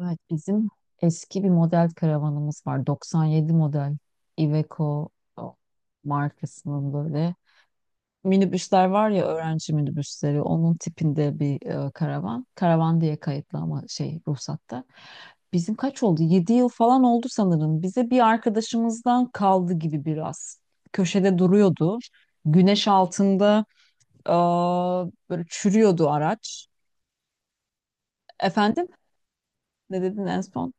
Evet, bizim eski bir model karavanımız var. 97 model Iveco o, markasının böyle minibüsler var ya öğrenci minibüsleri onun tipinde bir karavan. Karavan diye kayıtlı ama şey ruhsatta. Bizim kaç oldu? 7 yıl falan oldu sanırım. Bize bir arkadaşımızdan kaldı gibi biraz. Köşede duruyordu. Güneş altında e, böyle çürüyordu araç. Efendim? Ne dedin en son?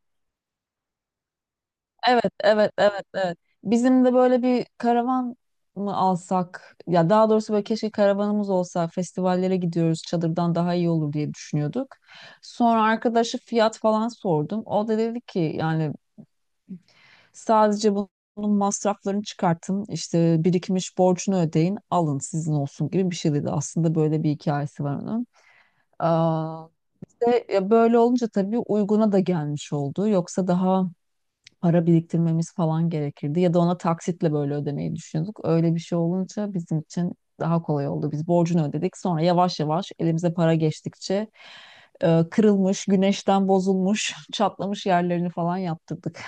Evet, evet, evet, evet. Bizim de böyle bir karavan mı alsak? Ya daha doğrusu böyle keşke karavanımız olsa. Festivallere gidiyoruz. Çadırdan daha iyi olur diye düşünüyorduk. Sonra arkadaşı fiyat falan sordum. O da dedi ki yani sadece bunun masraflarını çıkartın. İşte birikmiş borcunu ödeyin. Alın sizin olsun gibi bir şey dedi. Aslında böyle bir hikayesi var onun. Aa, işte, ya böyle olunca tabii uyguna da gelmiş oldu. Yoksa daha para biriktirmemiz falan gerekirdi. Ya da ona taksitle böyle ödemeyi düşündük. Öyle bir şey olunca bizim için daha kolay oldu. Biz borcunu ödedik. Sonra yavaş yavaş elimize para geçtikçe kırılmış, güneşten bozulmuş, çatlamış yerlerini falan yaptırdık.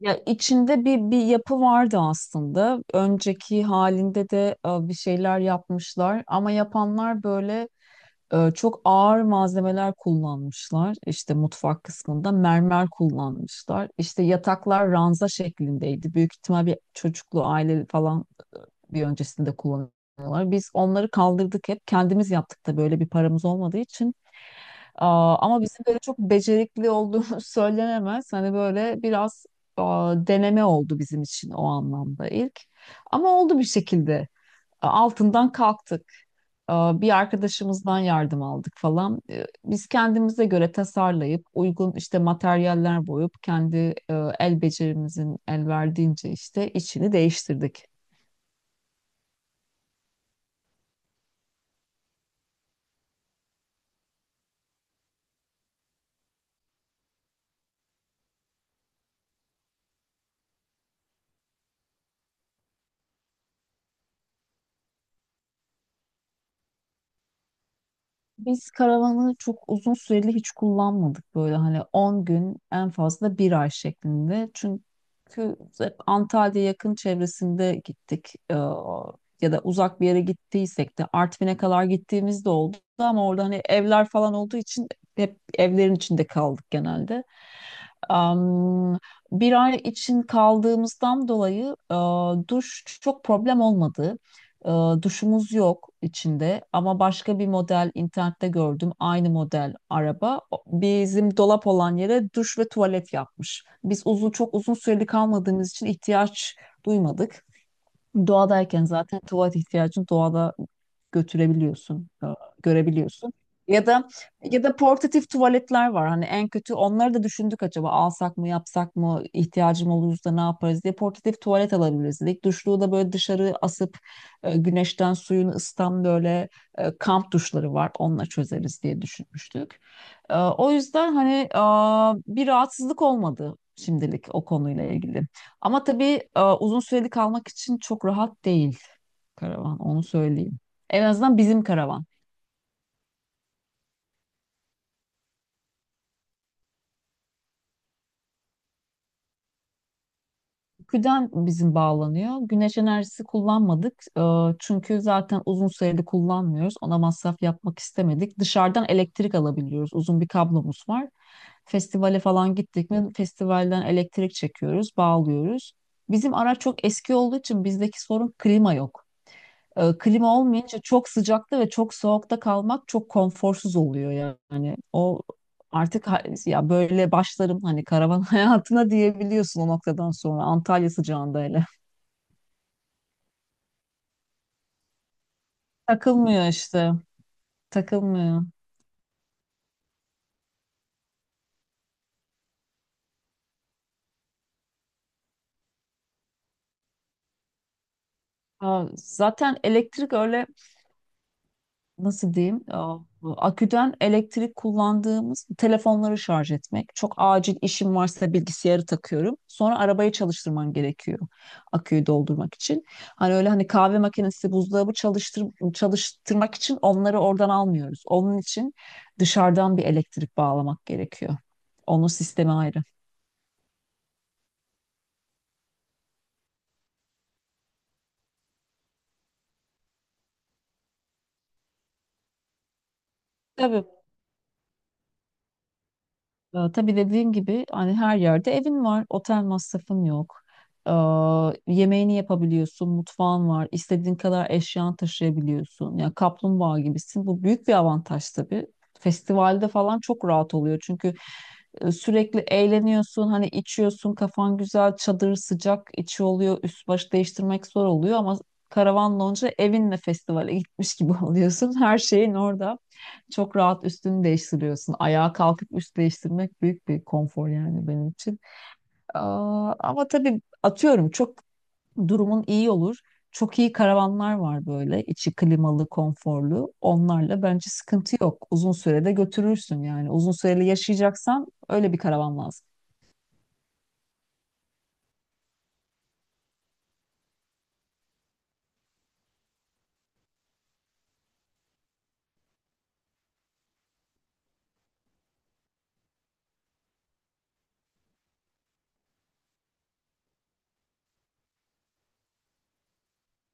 Ya içinde bir yapı vardı aslında. Önceki halinde de bir şeyler yapmışlar ama yapanlar böyle çok ağır malzemeler kullanmışlar. İşte mutfak kısmında mermer kullanmışlar. İşte yataklar ranza şeklindeydi. Büyük ihtimal bir çocuklu aile falan bir öncesinde kullanıyorlar. Biz onları kaldırdık hep. Kendimiz yaptık da böyle bir paramız olmadığı için. Ama bizim böyle çok becerikli olduğumuz söylenemez. Hani böyle biraz deneme oldu bizim için o anlamda ilk. Ama oldu bir şekilde. Altından kalktık. Bir arkadaşımızdan yardım aldık falan. Biz kendimize göre tasarlayıp uygun işte materyaller boyup kendi e, el becerimizin el verdiğince işte içini değiştirdik. Biz karavanı çok uzun süreli hiç kullanmadık böyle hani 10 gün en fazla bir ay şeklinde. Çünkü hep Antalya yakın çevresinde gittik. Ya da uzak bir yere gittiysek de Artvin'e kadar gittiğimiz de oldu ama orada hani evler falan olduğu için hep evlerin içinde kaldık genelde. Am, bir ay için kaldığımızdan dolayı duş çok problem olmadı. Ee, duşumuz yok içinde ama başka bir model internette gördüm. Aynı model araba bizim dolap olan yere duş ve tuvalet yapmış. Biz uzun çok uzun süreli kalmadığımız için ihtiyaç duymadık. Doğadayken zaten tuvalet ihtiyacını doğada götürebiliyorsun, görebiliyorsun. Ya da ya da portatif tuvaletler var. Hani en kötü onları da düşündük acaba alsak mı, yapsak mı, ihtiyacım olursa ne yaparız diye portatif tuvalet alabiliriz dedik. Duşluğu da böyle dışarı asıp güneşten suyunu ısıtan böyle kamp duşları var. Onunla çözeriz diye düşünmüştük. O yüzden hani bir rahatsızlık olmadı şimdilik o konuyla ilgili. Ama tabii uzun süreli kalmak için çok rahat değil karavan, onu söyleyeyim. En azından bizim karavan. Güden bizim bağlanıyor. Güneş enerjisi kullanmadık. Çünkü zaten uzun süreli kullanmıyoruz. Ona masraf yapmak istemedik. Dışarıdan elektrik alabiliyoruz. Uzun bir kablomuz var. Festivale falan gittik mi festivalden elektrik çekiyoruz, bağlıyoruz. Bizim araç çok eski olduğu için bizdeki sorun klima yok. Klima olmayınca çok sıcakta ve çok soğukta kalmak çok konforsuz oluyor yani. O artık ya böyle başlarım hani karavan hayatına diyebiliyorsun o noktadan sonra Antalya sıcağında hele. Takılmıyor işte. Takılmıyor. Ha, zaten elektrik öyle nasıl diyeyim aküden elektrik kullandığımız telefonları şarj etmek. Çok acil işim varsa bilgisayarı takıyorum. Sonra arabayı çalıştırman gerekiyor aküyü doldurmak için. Hani öyle hani kahve makinesi, buzdolabı çalıştırmak için onları oradan almıyoruz. Onun için dışarıdan bir elektrik bağlamak gerekiyor. Onun sistemi ayrı. Tabii. Tabii dediğim gibi hani her yerde evin var, otel masrafın yok. Yemeğini yapabiliyorsun, mutfağın var, istediğin kadar eşyan taşıyabiliyorsun. Yani kaplumbağa gibisin. Bu büyük bir avantaj tabii. Festivalde falan çok rahat oluyor çünkü sürekli eğleniyorsun, hani içiyorsun, kafan güzel, çadır sıcak, içi oluyor, üst baş değiştirmek zor oluyor ama karavan lonca evinle festivale gitmiş gibi oluyorsun. Her şeyin orada. Çok rahat üstünü değiştiriyorsun. Ayağa kalkıp üst değiştirmek büyük bir konfor yani benim için. Ama tabii atıyorum çok durumun iyi olur. Çok iyi karavanlar var böyle içi klimalı, konforlu. Onlarla bence sıkıntı yok. Uzun sürede götürürsün yani. Uzun süreli yaşayacaksan öyle bir karavan lazım.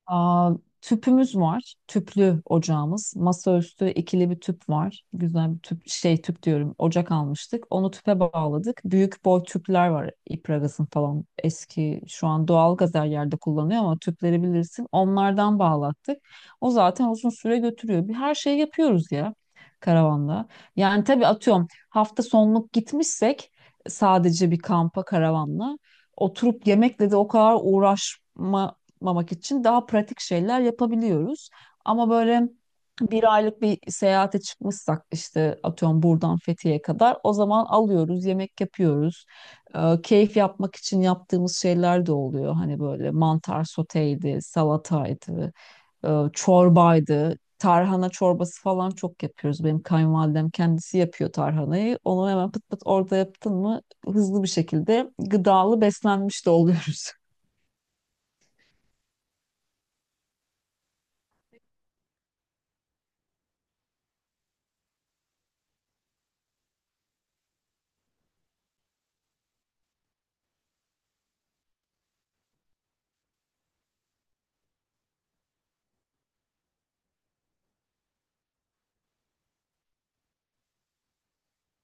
Aa, tüpümüz var. Tüplü ocağımız. Masaüstü ikili bir tüp var. Güzel bir tüp şey tüp diyorum. Ocak almıştık. Onu tüpe bağladık. Büyük boy tüpler var. İpragaz'ın falan. Eski şu an doğal gaz her yerde kullanıyor ama tüpleri bilirsin. Onlardan bağlattık. O zaten uzun süre götürüyor. Bir her şeyi yapıyoruz ya karavanda. Yani tabii atıyorum hafta sonluk gitmişsek sadece bir kampa karavanla oturup yemekle de o kadar uğraşma yapmamak için daha pratik şeyler yapabiliyoruz. Ama böyle bir aylık bir seyahate çıkmışsak işte atıyorum buradan Fethiye'ye kadar o zaman alıyoruz, yemek yapıyoruz. Keyif yapmak için yaptığımız şeyler de oluyor. Hani böyle mantar soteydi, salataydı, çorbaydı. Tarhana çorbası falan çok yapıyoruz. Benim kayınvalidem kendisi yapıyor tarhanayı. Onu hemen pıt pıt orada yaptın mı hızlı bir şekilde gıdalı beslenmiş de oluyoruz.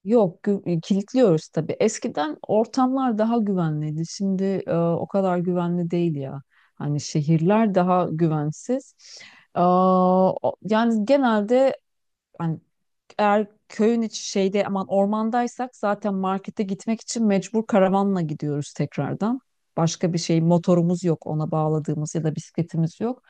Yok, kilitliyoruz tabii. Eskiden ortamlar daha güvenliydi. Şimdi o kadar güvenli değil ya. Hani şehirler daha güvensiz. Yani genelde hani eğer köyün içi şeyde aman ormandaysak zaten markete gitmek için mecbur karavanla gidiyoruz tekrardan. Başka bir şey motorumuz yok ona bağladığımız ya da bisikletimiz yok.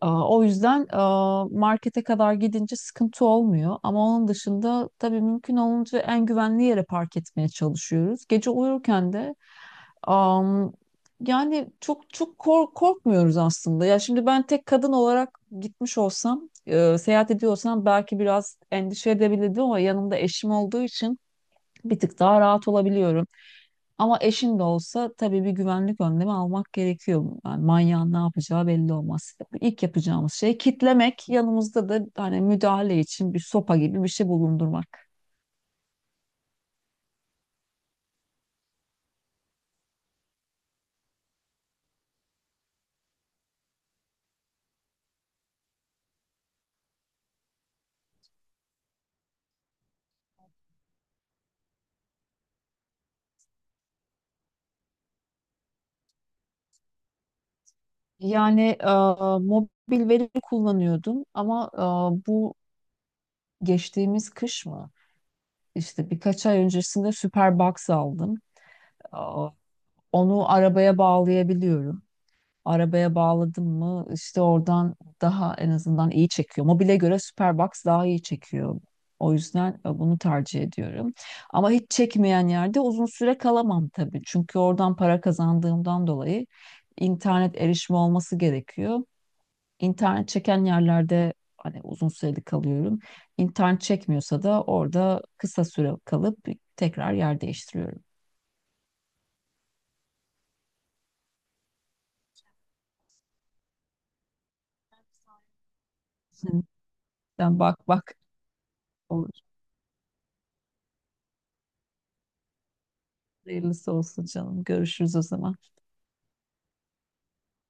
O yüzden markete kadar gidince sıkıntı olmuyor. Ama onun dışında tabii mümkün olunca en güvenli yere park etmeye çalışıyoruz. Gece uyurken de am, yani çok çok korkmuyoruz aslında. Ya şimdi ben tek kadın olarak gitmiş olsam, seyahat ediyorsam belki biraz endişe edebilirdim ama yanımda eşim olduğu için bir tık daha rahat olabiliyorum. Ama eşin de olsa tabii bir güvenlik önlemi almak gerekiyor. Yani manyağın ne yapacağı belli olmaz. İşte İlk yapacağımız şey kitlemek, yanımızda da hani müdahale için bir sopa gibi bir şey bulundurmak. Yani mobil veri kullanıyordum ama bu geçtiğimiz kış mı? İşte birkaç ay öncesinde Superbox aldım. E, onu arabaya bağlayabiliyorum. Arabaya bağladım mı işte oradan daha en azından iyi çekiyor. Mobile göre Superbox daha iyi çekiyor. O yüzden bunu tercih ediyorum. Ama hiç çekmeyen yerde uzun süre kalamam tabii. Çünkü oradan para kazandığımdan dolayı internet erişimi olması gerekiyor. İnternet çeken yerlerde hani uzun süreli kalıyorum. İnternet çekmiyorsa da orada kısa süre kalıp tekrar yer değiştiriyorum. Hı. Sen bak bak olur. Hayırlısı olsun canım. Görüşürüz o zaman.